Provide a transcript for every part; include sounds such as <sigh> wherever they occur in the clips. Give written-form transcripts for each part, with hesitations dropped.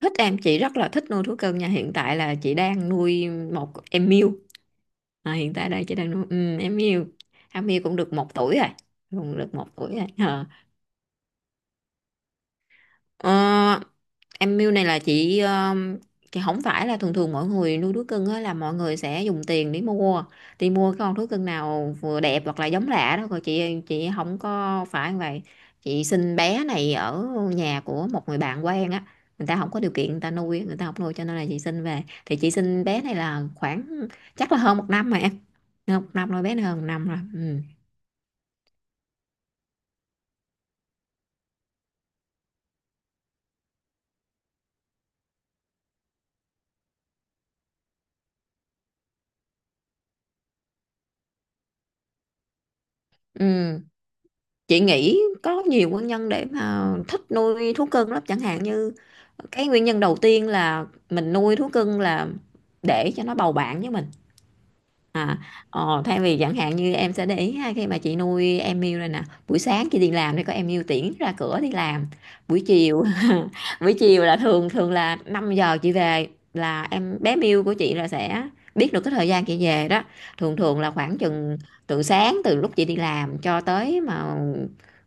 Thích em. Chị rất là thích nuôi thú cưng nha. Hiện tại là chị đang nuôi một em miu. À, hiện tại đây chị đang nuôi em miu. Em miu cũng được 1 tuổi rồi. Cũng được một tuổi rồi. Ờ. Ờ, em mưu này là chị không phải là, thường thường mọi người nuôi thú cưng á, là mọi người sẽ dùng tiền để mua, đi mua cái con thú cưng nào vừa đẹp hoặc là giống lạ đó, rồi chị không có phải như vậy. Chị sinh bé này ở nhà của một người bạn quen á. Người ta không có điều kiện, người ta nuôi, người ta không nuôi, cho nên là chị sinh về, thì chị sinh bé này là khoảng, chắc là hơn 1 năm rồi em. Hơn một năm rồi, bé này hơn 1 năm rồi. Ừ. Ừ. Chị nghĩ có nhiều nguyên nhân để mà thích nuôi thú cưng lắm, chẳng hạn như, cái nguyên nhân đầu tiên là mình nuôi thú cưng là để cho nó bầu bạn với mình. À, thay vì, chẳng hạn như em sẽ để ý ha, khi mà chị nuôi em yêu rồi nè, buổi sáng chị đi làm thì có em yêu tiễn ra cửa đi làm. Buổi chiều <laughs> buổi chiều là thường thường là 5 giờ chị về, là em bé Miu của chị là sẽ biết được cái thời gian chị về đó. Thường thường là khoảng chừng từ sáng, từ lúc chị đi làm cho tới mà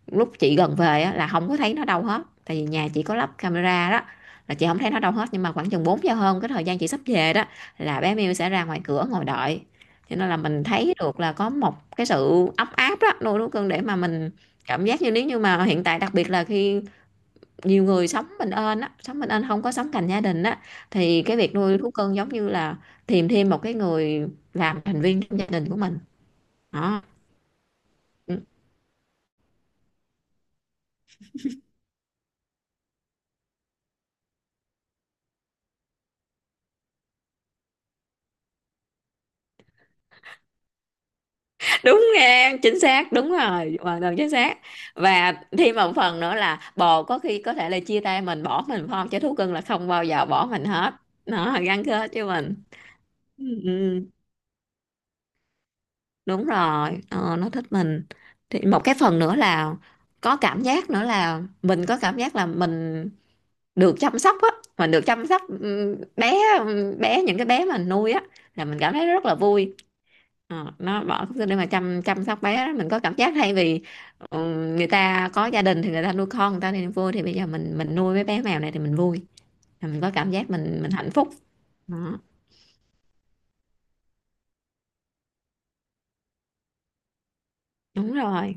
lúc chị gần về á, là không có thấy nó đâu hết, tại vì nhà chị có lắp camera đó. Là chị không thấy nó đâu hết, nhưng mà khoảng chừng 4 giờ hơn, cái thời gian chị sắp về đó, là bé Miu sẽ ra ngoài cửa ngồi đợi. Cho nên là mình thấy được là có một cái sự ấm áp đó, nuôi thú cưng để mà mình cảm giác như, nếu như mà hiện tại, đặc biệt là khi nhiều người sống bình yên á, sống bình yên không có sống cạnh gia đình á, thì cái việc nuôi thú cưng giống như là tìm thêm một cái người làm thành viên trong gia đình của mình đó. <laughs> Đúng, nghe chính xác, đúng rồi, hoàn toàn chính xác. Và thêm một phần nữa là bồ có khi có thể là chia tay mình, bỏ mình phải không, chứ thú cưng là không bao giờ bỏ mình hết. Nó gắn kết với mình. Ừ. Ừ. Đúng rồi. Ờ, nó thích mình. Thì một cái phần nữa là có cảm giác nữa là mình có cảm giác là mình được chăm sóc á, mình được chăm sóc, bé bé những cái bé mà mình nuôi á, là mình cảm thấy rất là vui. Ờ, nó bỏ cái để mà chăm chăm sóc bé đó, mình có cảm giác thay vì, ừ, người ta có gia đình thì người ta nuôi con, người ta thì vui, thì bây giờ mình nuôi mấy bé mèo này thì mình vui. Là mình có cảm giác mình hạnh phúc. Đó, đúng rồi,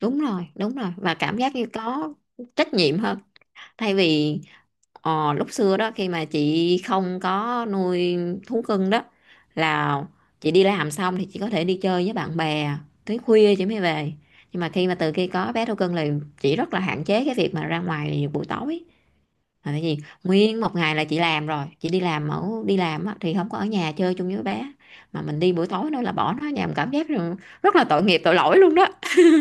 đúng rồi, đúng rồi, và cảm giác như có trách nhiệm hơn, thay vì, Ờ, lúc xưa đó, khi mà chị không có nuôi thú cưng đó, là chị đi làm xong thì chị có thể đi chơi với bạn bè tới khuya chị mới về. Nhưng mà khi mà từ khi có bé thú cưng là chị rất là hạn chế cái việc mà ra ngoài buổi tối. Là tại vì nguyên một ngày là chị làm rồi, chị đi làm đi làm á, thì không có ở nhà chơi chung với bé. Mà mình đi buổi tối nữa là bỏ nó ở nhà, mình cảm giác rằng rất là tội nghiệp, tội lỗi luôn đó.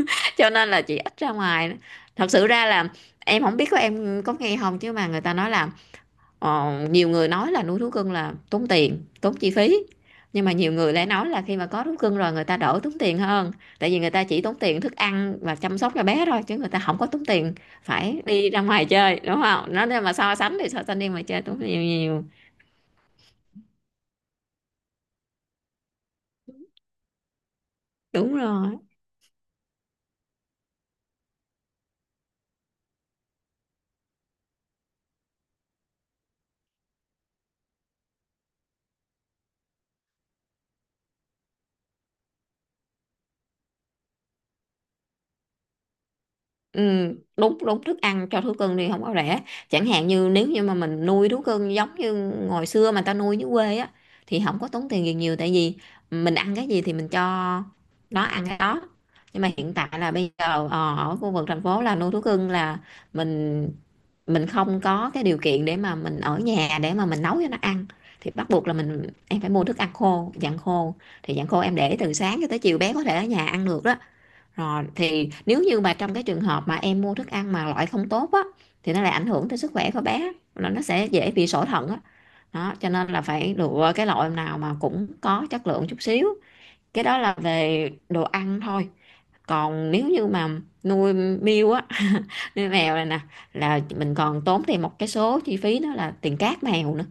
<laughs> Cho nên là chị ít ra ngoài. Thật sự ra là em không biết có em có nghe không, chứ mà người ta nói là, Ờ, nhiều người nói là nuôi thú cưng là tốn tiền, tốn chi phí. Nhưng mà nhiều người lại nói là khi mà có thú cưng rồi người ta đỡ tốn tiền hơn. Tại vì người ta chỉ tốn tiền thức ăn và chăm sóc cho bé thôi, chứ người ta không có tốn tiền phải đi ra ngoài chơi, đúng không? Nó, nếu mà so sánh thì so sánh đi ngoài chơi tốn nhiều nhiều. Đúng rồi. Ừ, đúng đúng, thức ăn cho thú cưng thì không có rẻ. Chẳng hạn như nếu như mà mình nuôi thú cưng giống như hồi xưa mà ta nuôi dưới quê á, thì không có tốn tiền gì nhiều, tại vì mình ăn cái gì thì mình cho nó ăn cái đó. Nhưng mà hiện tại là bây giờ, ở khu vực thành phố là nuôi thú cưng là mình mình không có cái điều kiện để mà mình ở nhà để mà mình nấu cho nó ăn. Thì bắt buộc là mình, em, phải mua thức ăn khô, dạng khô. Thì dạng khô em để từ sáng cho tới chiều, bé có thể ở nhà ăn được đó. Rồi thì nếu như mà trong cái trường hợp mà em mua thức ăn mà loại không tốt á, thì nó lại ảnh hưởng tới sức khỏe của bé, nó sẽ dễ bị sỏi thận á. Đó, cho nên là phải lựa cái loại nào mà cũng có chất lượng chút xíu. Cái đó là về đồ ăn thôi. Còn nếu như mà nuôi miêu á, <laughs> nuôi mèo này nè, là mình còn tốn thêm một cái số chi phí, đó là tiền cát mèo nữa.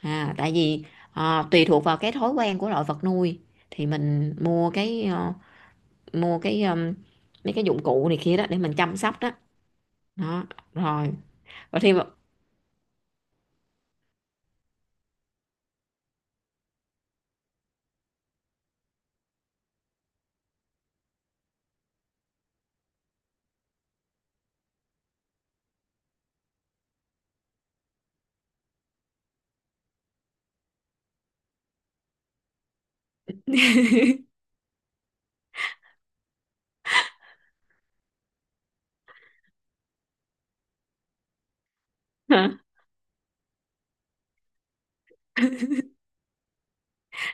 À, tại vì, tùy thuộc vào cái thói quen của loại vật nuôi, thì mình mua cái mua cái mấy cái dụng cụ này kia đó để mình chăm sóc đó. Đó, rồi và thêm một <laughs>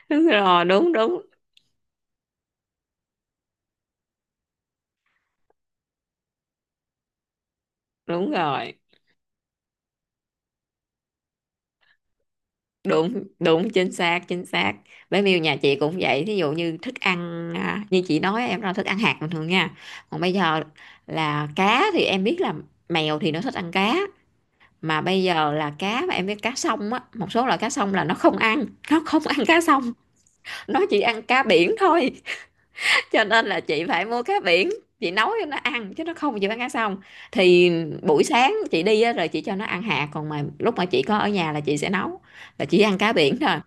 đúng rồi, đúng đúng, đúng rồi, đúng đúng, chính xác chính xác. Bé Miu nhà chị cũng vậy, thí dụ như thức ăn à, như chị nói em là thức ăn hạt bình thường nha. Còn bây giờ là cá, thì em biết là mèo thì nó thích ăn cá. Mà bây giờ là cá mà em biết cá sông á, một số loại cá sông là nó không ăn, nó không ăn cá sông. Nó chỉ ăn cá biển thôi. Cho nên là chị phải mua cá biển, chị nấu cho nó ăn, chứ nó không chịu ăn cá xong. Thì buổi sáng chị đi á, rồi chị cho nó ăn hạt, còn mà lúc mà chị có ở nhà là chị sẽ nấu, là chỉ ăn cá biển thôi.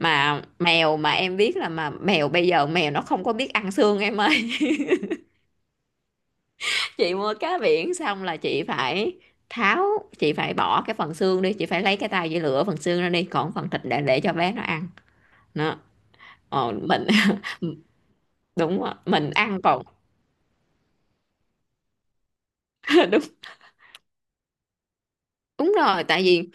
Mà mèo, mà em biết là, mà mèo bây giờ, mèo nó không có biết ăn xương em ơi. <laughs> Chị mua cá biển xong là chị phải tháo, chị phải bỏ cái phần xương đi, chị phải lấy cái tay chị lựa phần xương ra đi, còn phần thịt để cho bé nó ăn. Nó mình <laughs> đúng rồi, mình ăn còn <laughs> đúng, đúng rồi tại vì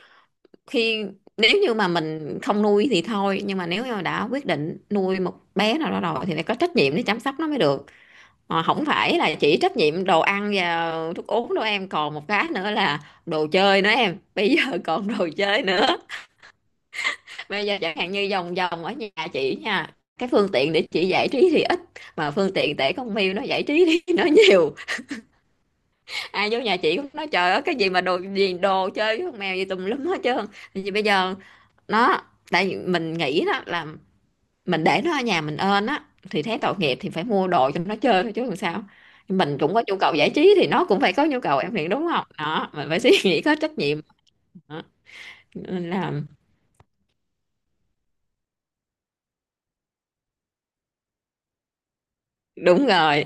khi, nếu như mà mình không nuôi thì thôi, nhưng mà nếu như mà đã quyết định nuôi một bé nào đó rồi thì phải có trách nhiệm để chăm sóc nó mới được. Mà không phải là chỉ trách nhiệm đồ ăn và thuốc uống đâu em, còn một cái nữa là đồ chơi nữa em, bây giờ <laughs> còn đồ chơi nữa. Bây giờ chẳng hạn như vòng vòng ở nhà chị nha, cái phương tiện để chị giải trí thì ít, mà phương tiện để con mèo nó giải trí <laughs> thì nó nhiều. Ai vô nhà chị cũng nói trời ơi, cái gì mà đồ gì, đồ chơi với con mèo gì tùm lum hết trơn. Thì bây giờ nó, tại vì mình nghĩ đó là, mình để nó ở nhà mình ơn á, thì thấy tội nghiệp thì phải mua đồ cho nó chơi thôi chứ làm sao. Nhưng mình cũng có nhu cầu giải trí thì nó cũng phải có nhu cầu, em nghĩ đúng không, đó mình phải <laughs> suy nghĩ có trách nhiệm. Đó. Nên là đúng rồi.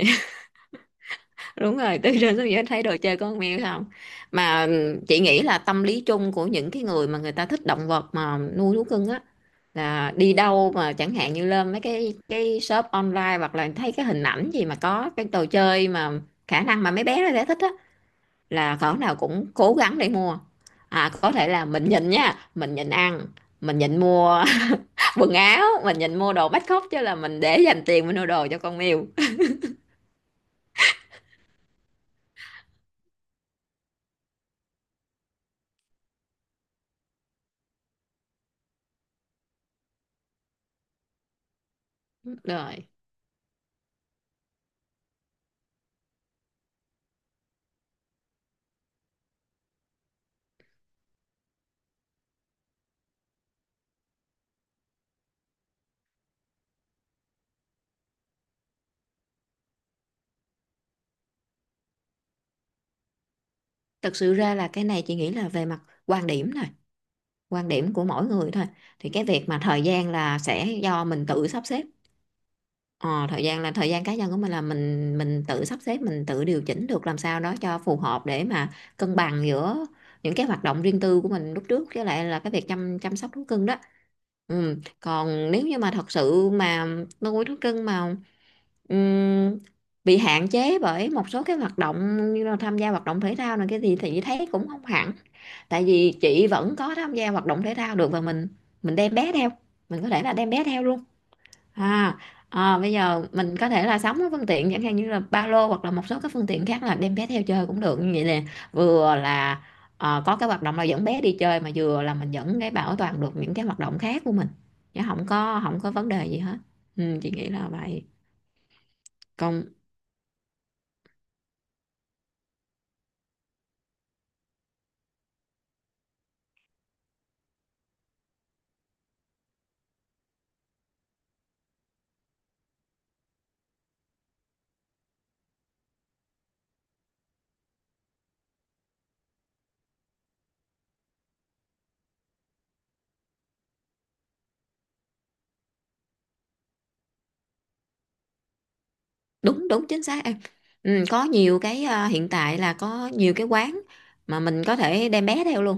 Đúng rồi, từ trên xuống dưới thấy đồ chơi con mèo không. Mà chị nghĩ là tâm lý chung của những người mà người ta thích động vật mà nuôi thú cưng á, là đi đâu mà chẳng hạn như lên mấy cái shop online hoặc là thấy cái hình ảnh gì mà có cái đồ chơi mà khả năng mà mấy bé nó sẽ thích á, là cỡ nào cũng cố gắng để mua. À, có thể là mình nhịn nha, mình nhịn ăn, mình nhịn mua <laughs> quần áo, mình nhịn mua đồ bắt khóc chứ là mình để dành tiền mình mua đồ cho con mèo. <laughs> Rồi, thực sự ra là cái này chị nghĩ là về mặt quan điểm thôi, quan điểm của mỗi người thôi. Thì cái việc mà thời gian là sẽ do mình tự sắp xếp. Ờ, thời gian là thời gian cá nhân của mình là mình tự sắp xếp, mình tự điều chỉnh được làm sao đó cho phù hợp để mà cân bằng giữa những cái hoạt động riêng tư của mình lúc trước với lại là cái việc chăm chăm sóc thú cưng đó. Ừ. Còn nếu như mà thật sự mà nuôi thú cưng mà Ừm, bị hạn chế bởi một số cái hoạt động như là tham gia hoạt động thể thao này cái gì thì chị thấy cũng không hẳn, tại vì chị vẫn có tham gia hoạt động thể thao được và mình đem bé theo, mình có thể là đem bé theo luôn. À, à bây giờ mình có thể là sắm cái phương tiện chẳng hạn như là ba lô hoặc là một số cái phương tiện khác là đem bé theo chơi cũng được như vậy nè, vừa là ờ, có cái hoạt động là dẫn bé đi chơi mà vừa là mình vẫn cái bảo toàn được những cái hoạt động khác của mình, chứ không có vấn đề gì hết. Ừ, chị nghĩ là vậy. Còn đúng đúng chính xác em. Ừ, có nhiều cái à, hiện tại là có nhiều cái quán mà mình có thể đem bé theo luôn,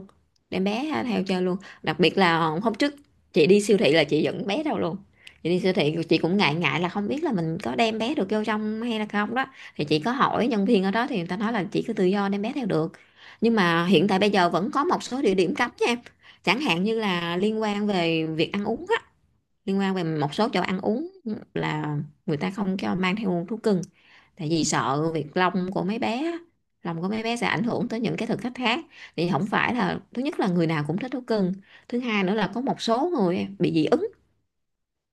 đem bé à, theo chơi luôn. Đặc biệt là hôm trước chị đi siêu thị là chị dẫn bé theo luôn. Chị đi siêu thị chị cũng ngại ngại là không biết là mình có đem bé được vô trong hay là không đó, thì chị có hỏi nhân viên ở đó thì người ta nói là chị cứ tự do đem bé theo được. Nhưng mà hiện tại bây giờ vẫn có một số địa điểm cấm nha em, chẳng hạn như là liên quan về việc ăn uống á, liên quan về một số chỗ ăn uống là người ta không cho mang theo thú cưng, tại vì sợ việc lông của mấy bé á, lông của mấy bé sẽ ảnh hưởng tới những cái thực khách khác. Thì không phải là, thứ nhất là người nào cũng thích thú cưng, thứ hai nữa là có một số người bị dị ứng,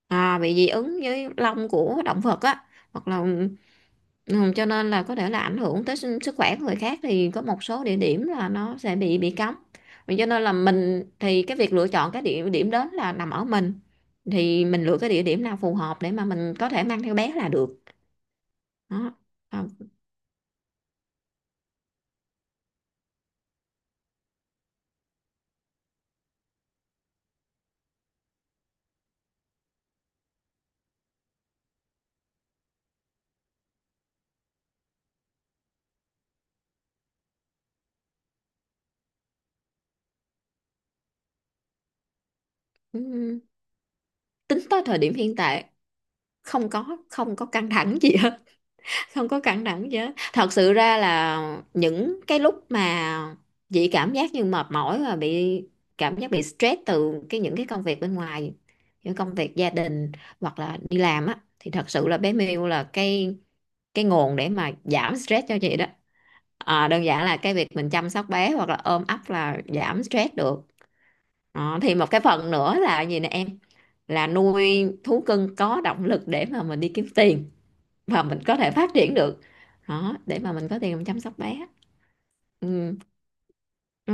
à, bị dị ứng với lông của động vật á, hoặc là ừ, cho nên là có thể là ảnh hưởng tới sức sức khỏe của người khác, thì có một số địa điểm là nó sẽ bị cấm. Vì cho nên là mình thì cái việc lựa chọn cái địa điểm đến là nằm ở mình, thì mình lựa cái địa điểm nào phù hợp để mà mình có thể mang theo bé là được đó. À, ừ. Tính tới thời điểm hiện tại không có căng thẳng gì hết. <laughs> Không có căng thẳng gì hết, thật sự ra là những cái lúc mà chị cảm giác như mệt mỏi và bị cảm giác bị stress từ cái những cái công việc bên ngoài, những công việc gia đình hoặc là đi làm á, thì thật sự là bé Miu là cái nguồn để mà giảm stress cho chị đó. À, đơn giản là cái việc mình chăm sóc bé hoặc là ôm ấp là giảm stress được đó. Thì một cái phần nữa là gì nè em, là nuôi thú cưng có động lực để mà mình đi kiếm tiền và mình có thể phát triển được đó, để mà mình có tiền mình chăm sóc bé. Ừ. Ừ.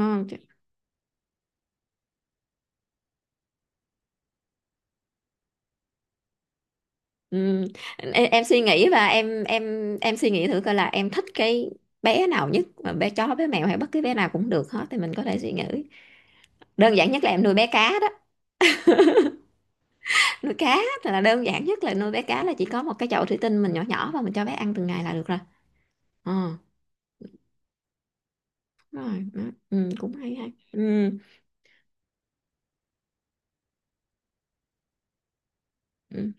Ừ. Em suy nghĩ và em suy nghĩ thử coi là em thích cái bé nào nhất, mà bé chó bé mèo hay bất cứ bé nào cũng được hết thì mình có thể suy nghĩ. Đơn giản nhất là em nuôi bé cá đó. <laughs> Nuôi cá thì là đơn giản nhất, là nuôi bé cá là chỉ có một cái chậu thủy tinh mình nhỏ nhỏ và mình cho bé ăn từng ngày là được rồi. Ờ, đúng rồi đó. Ừ, cũng hay hay. Ừ. Ừ.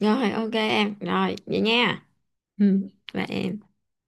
Rồi, ok em, rồi vậy nha. Ừ. Và em